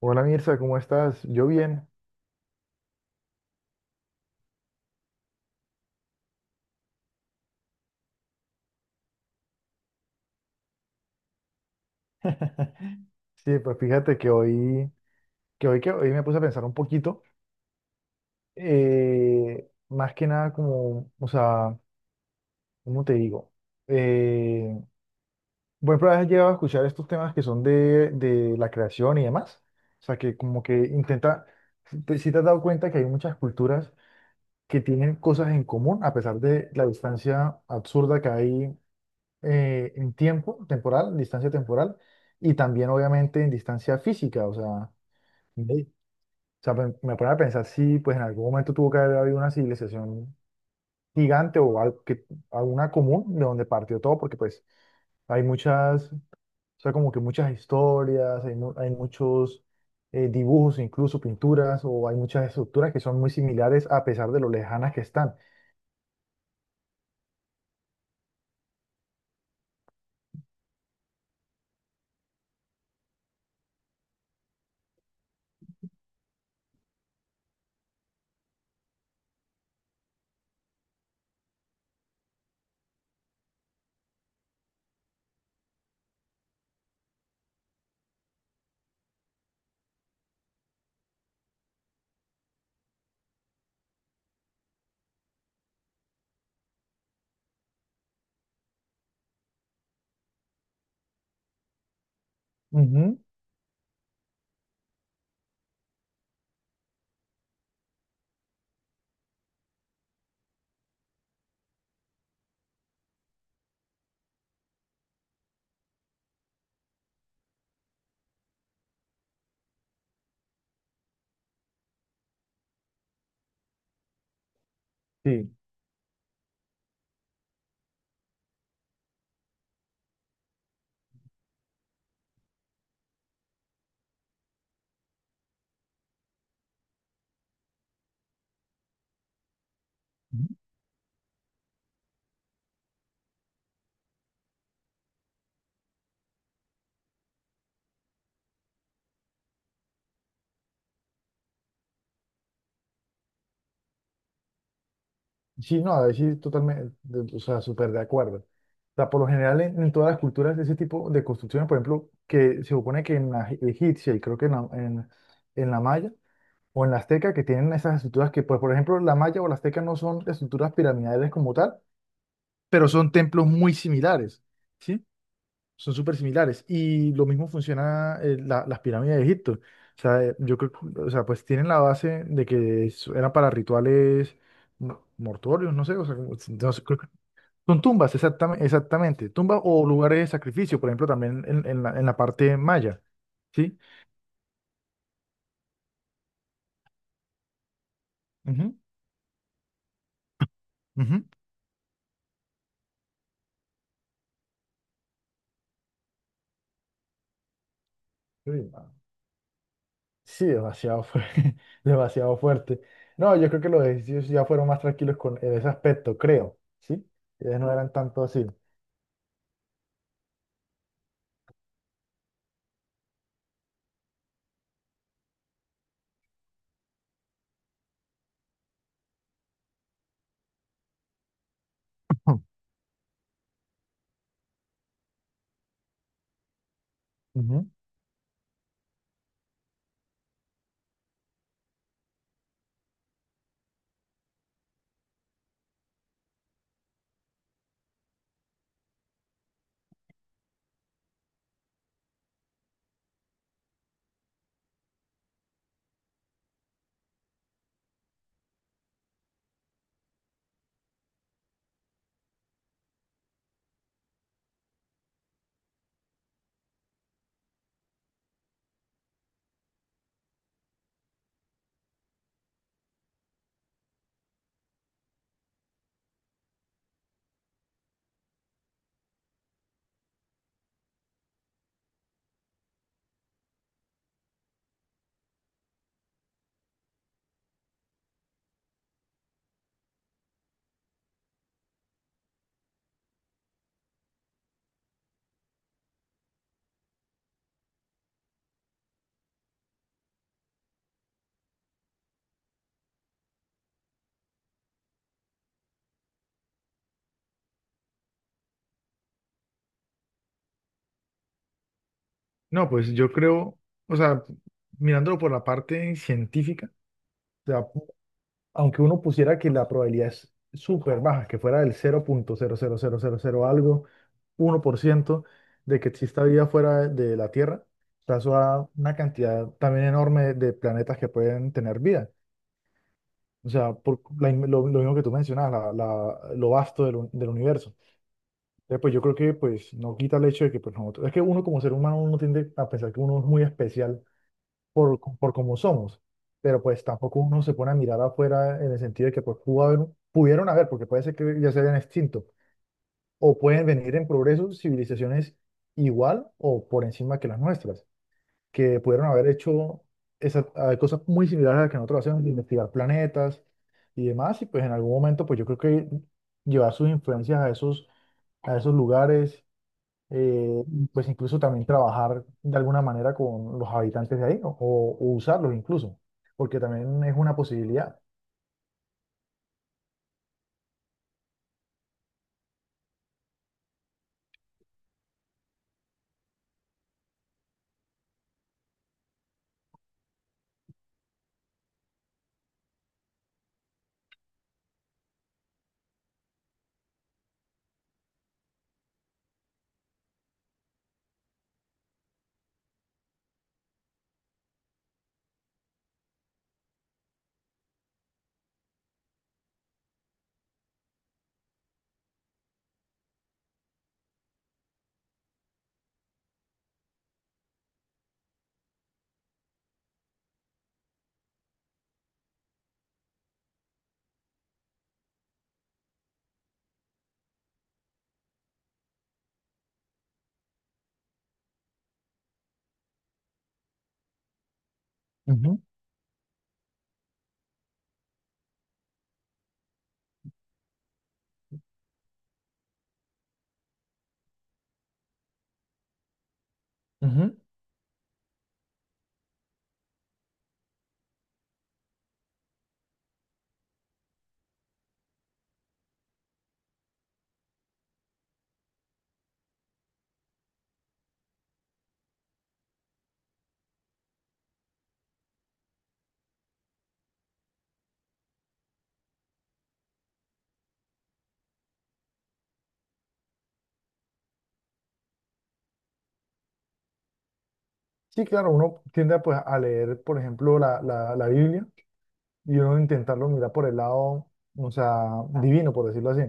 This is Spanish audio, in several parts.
Hola Mirza, ¿cómo estás? Yo bien. Sí, pues fíjate que hoy, me puse a pensar un poquito, más que nada como, o sea, ¿cómo te digo? Eh, por ejemplo, has llegado a escuchar estos temas que son de la creación y demás. O sea, que como que intenta, si te has dado cuenta que hay muchas culturas que tienen cosas en común a pesar de la distancia absurda que hay en tiempo temporal, en distancia temporal, y también obviamente en distancia física. O sea, ey. O sea, me pone a pensar si pues en algún momento tuvo que haber habido una civilización gigante o algo alguna común de donde partió todo, porque pues hay muchas, o sea, como que muchas historias, hay muchos dibujos, incluso pinturas, o hay muchas estructuras que son muy similares a pesar de lo lejanas que están. Ujú. Sí. Sí, no, ahí sí, totalmente, o sea, súper de acuerdo. O sea, por lo general en todas las culturas ese tipo de construcciones, por ejemplo, que se supone que en la egipcia y creo que en la maya o en la azteca que tienen esas estructuras que, pues, por ejemplo, la maya o la azteca no son estructuras piramidales como tal, pero son templos muy similares, ¿sí? Son súper similares. Y lo mismo funciona las pirámides de Egipto. O sea, yo creo, o sea, pues tienen la base de que eran para rituales mortuorios, no sé, o sea, no sé, creo que son tumbas, exactamente, exactamente. Tumbas o lugares de sacrificio, por ejemplo, también en la parte maya. ¿Sí? Ujú, ujú. Uy, no. Sí, demasiado fuerte, demasiado fuerte. No, yo creo que los egipcios ya fueron más tranquilos con en ese aspecto, creo, ¿sí? Ellos no eran tanto así. No, pues yo creo, o sea, mirándolo por la parte científica, o sea, aunque uno pusiera que la probabilidad es súper baja, que fuera del cero punto cero cero cero cero cero algo, 1% de que exista vida fuera de la Tierra, o sea, eso da una cantidad también enorme de planetas que pueden tener vida. O sea, por la lo mismo que tú mencionabas, lo vasto del universo. Entonces, pues yo creo que pues no quita el hecho de que pues nosotros, es que uno como ser humano uno tiende a pensar que uno es muy especial por cómo somos. Pero pues tampoco uno se pone a mirar afuera en el sentido de que pues pudieron haber, porque puede ser que ya se hayan extinto, o pueden venir en progreso civilizaciones igual o por encima que las nuestras, que pudieron haber hecho esas, cosas muy similares a las que nosotros hacemos, de investigar planetas y demás, y pues en algún momento pues yo creo que llevar sus influencias a esos lugares y pues incluso también trabajar de alguna manera con los habitantes de ahí o, usarlos incluso, porque también es una posibilidad. Ujú, ujú. Sí, claro, uno tiende pues, a leer, por ejemplo, la Biblia y uno intentarlo mirar por el lado, o sea, divino, por decirlo así.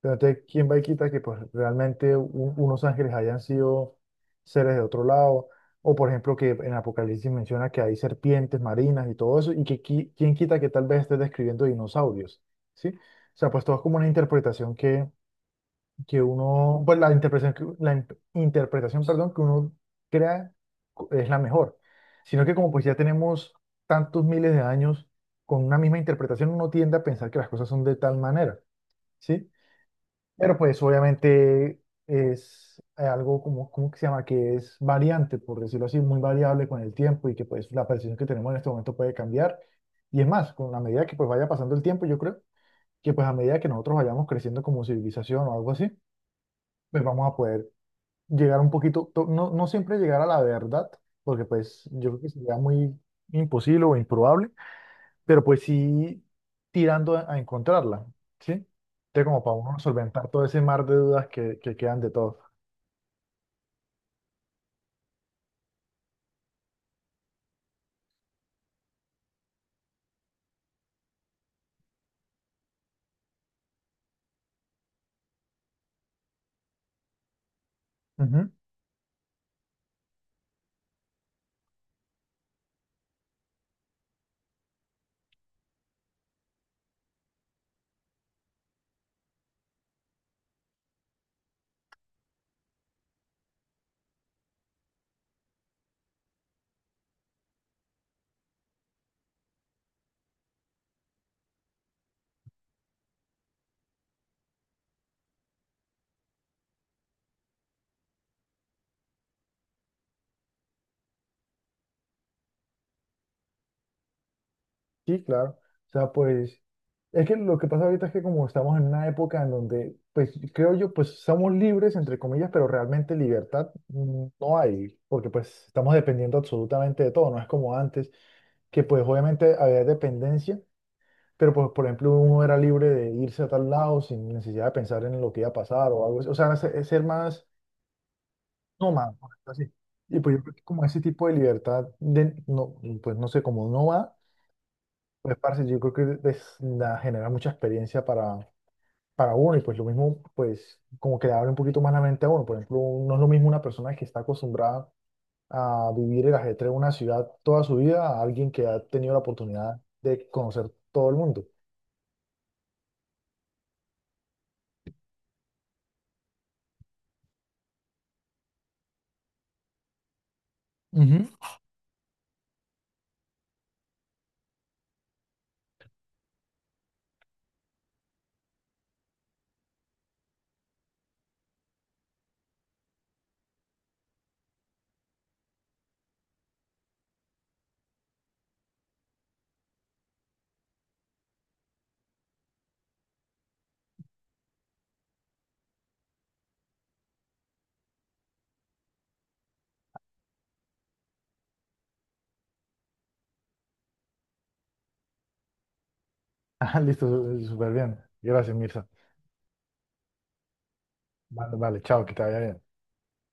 Pero entonces, ¿quién va y quita que pues, realmente unos ángeles hayan sido seres de otro lado? O por ejemplo, que en Apocalipsis menciona que hay serpientes marinas y todo eso, y que quién quita que tal vez esté describiendo dinosaurios, ¿sí? O sea, pues todo es como una interpretación que uno, pues la interpretación, interpretación, perdón, que uno crea es la mejor. Sino que como pues ya tenemos tantos miles de años con una misma interpretación, uno tiende a pensar que las cosas son de tal manera, ¿sí? Pero pues obviamente es algo como, ¿cómo que se llama? Que es variante, por decirlo así, muy variable con el tiempo y que pues la percepción que tenemos en este momento puede cambiar. Y es más, con la medida que pues vaya pasando el tiempo, yo creo que pues a medida que nosotros vayamos creciendo como civilización o algo así, pues vamos a poder llegar un poquito, no, no siempre llegar a la verdad, porque pues yo creo que sería muy imposible o improbable pero pues sí tirando a encontrarla, ¿sí? Entonces, como para uno solventar todo ese mar de dudas que quedan de todo. Ujú. Sí, claro. O sea, pues es que lo que pasa ahorita es que como estamos en una época en donde, pues creo yo, pues somos libres, entre comillas, pero realmente libertad no hay, porque pues estamos dependiendo absolutamente de todo, no es como antes, que pues obviamente había dependencia. Pero, pues, por ejemplo, uno era libre de irse a tal lado sin necesidad de pensar en lo que iba a pasar o algo así. O sea, era es ser más nómada, por decirlo así. Y pues yo creo que como ese tipo de libertad, de, no, pues no sé, como nómada, pues parce, yo creo que genera mucha experiencia para uno y pues lo mismo, pues como que le abre un poquito más la mente a uno. Por ejemplo, no es lo mismo una persona que está acostumbrada a vivir el ajetreo de una ciudad toda su vida a alguien que ha tenido la oportunidad de conocer todo el mundo. Ujú. Ah, listo, súper bien. Gracias, Mirza. Vale, vale, chao, que te vaya bien.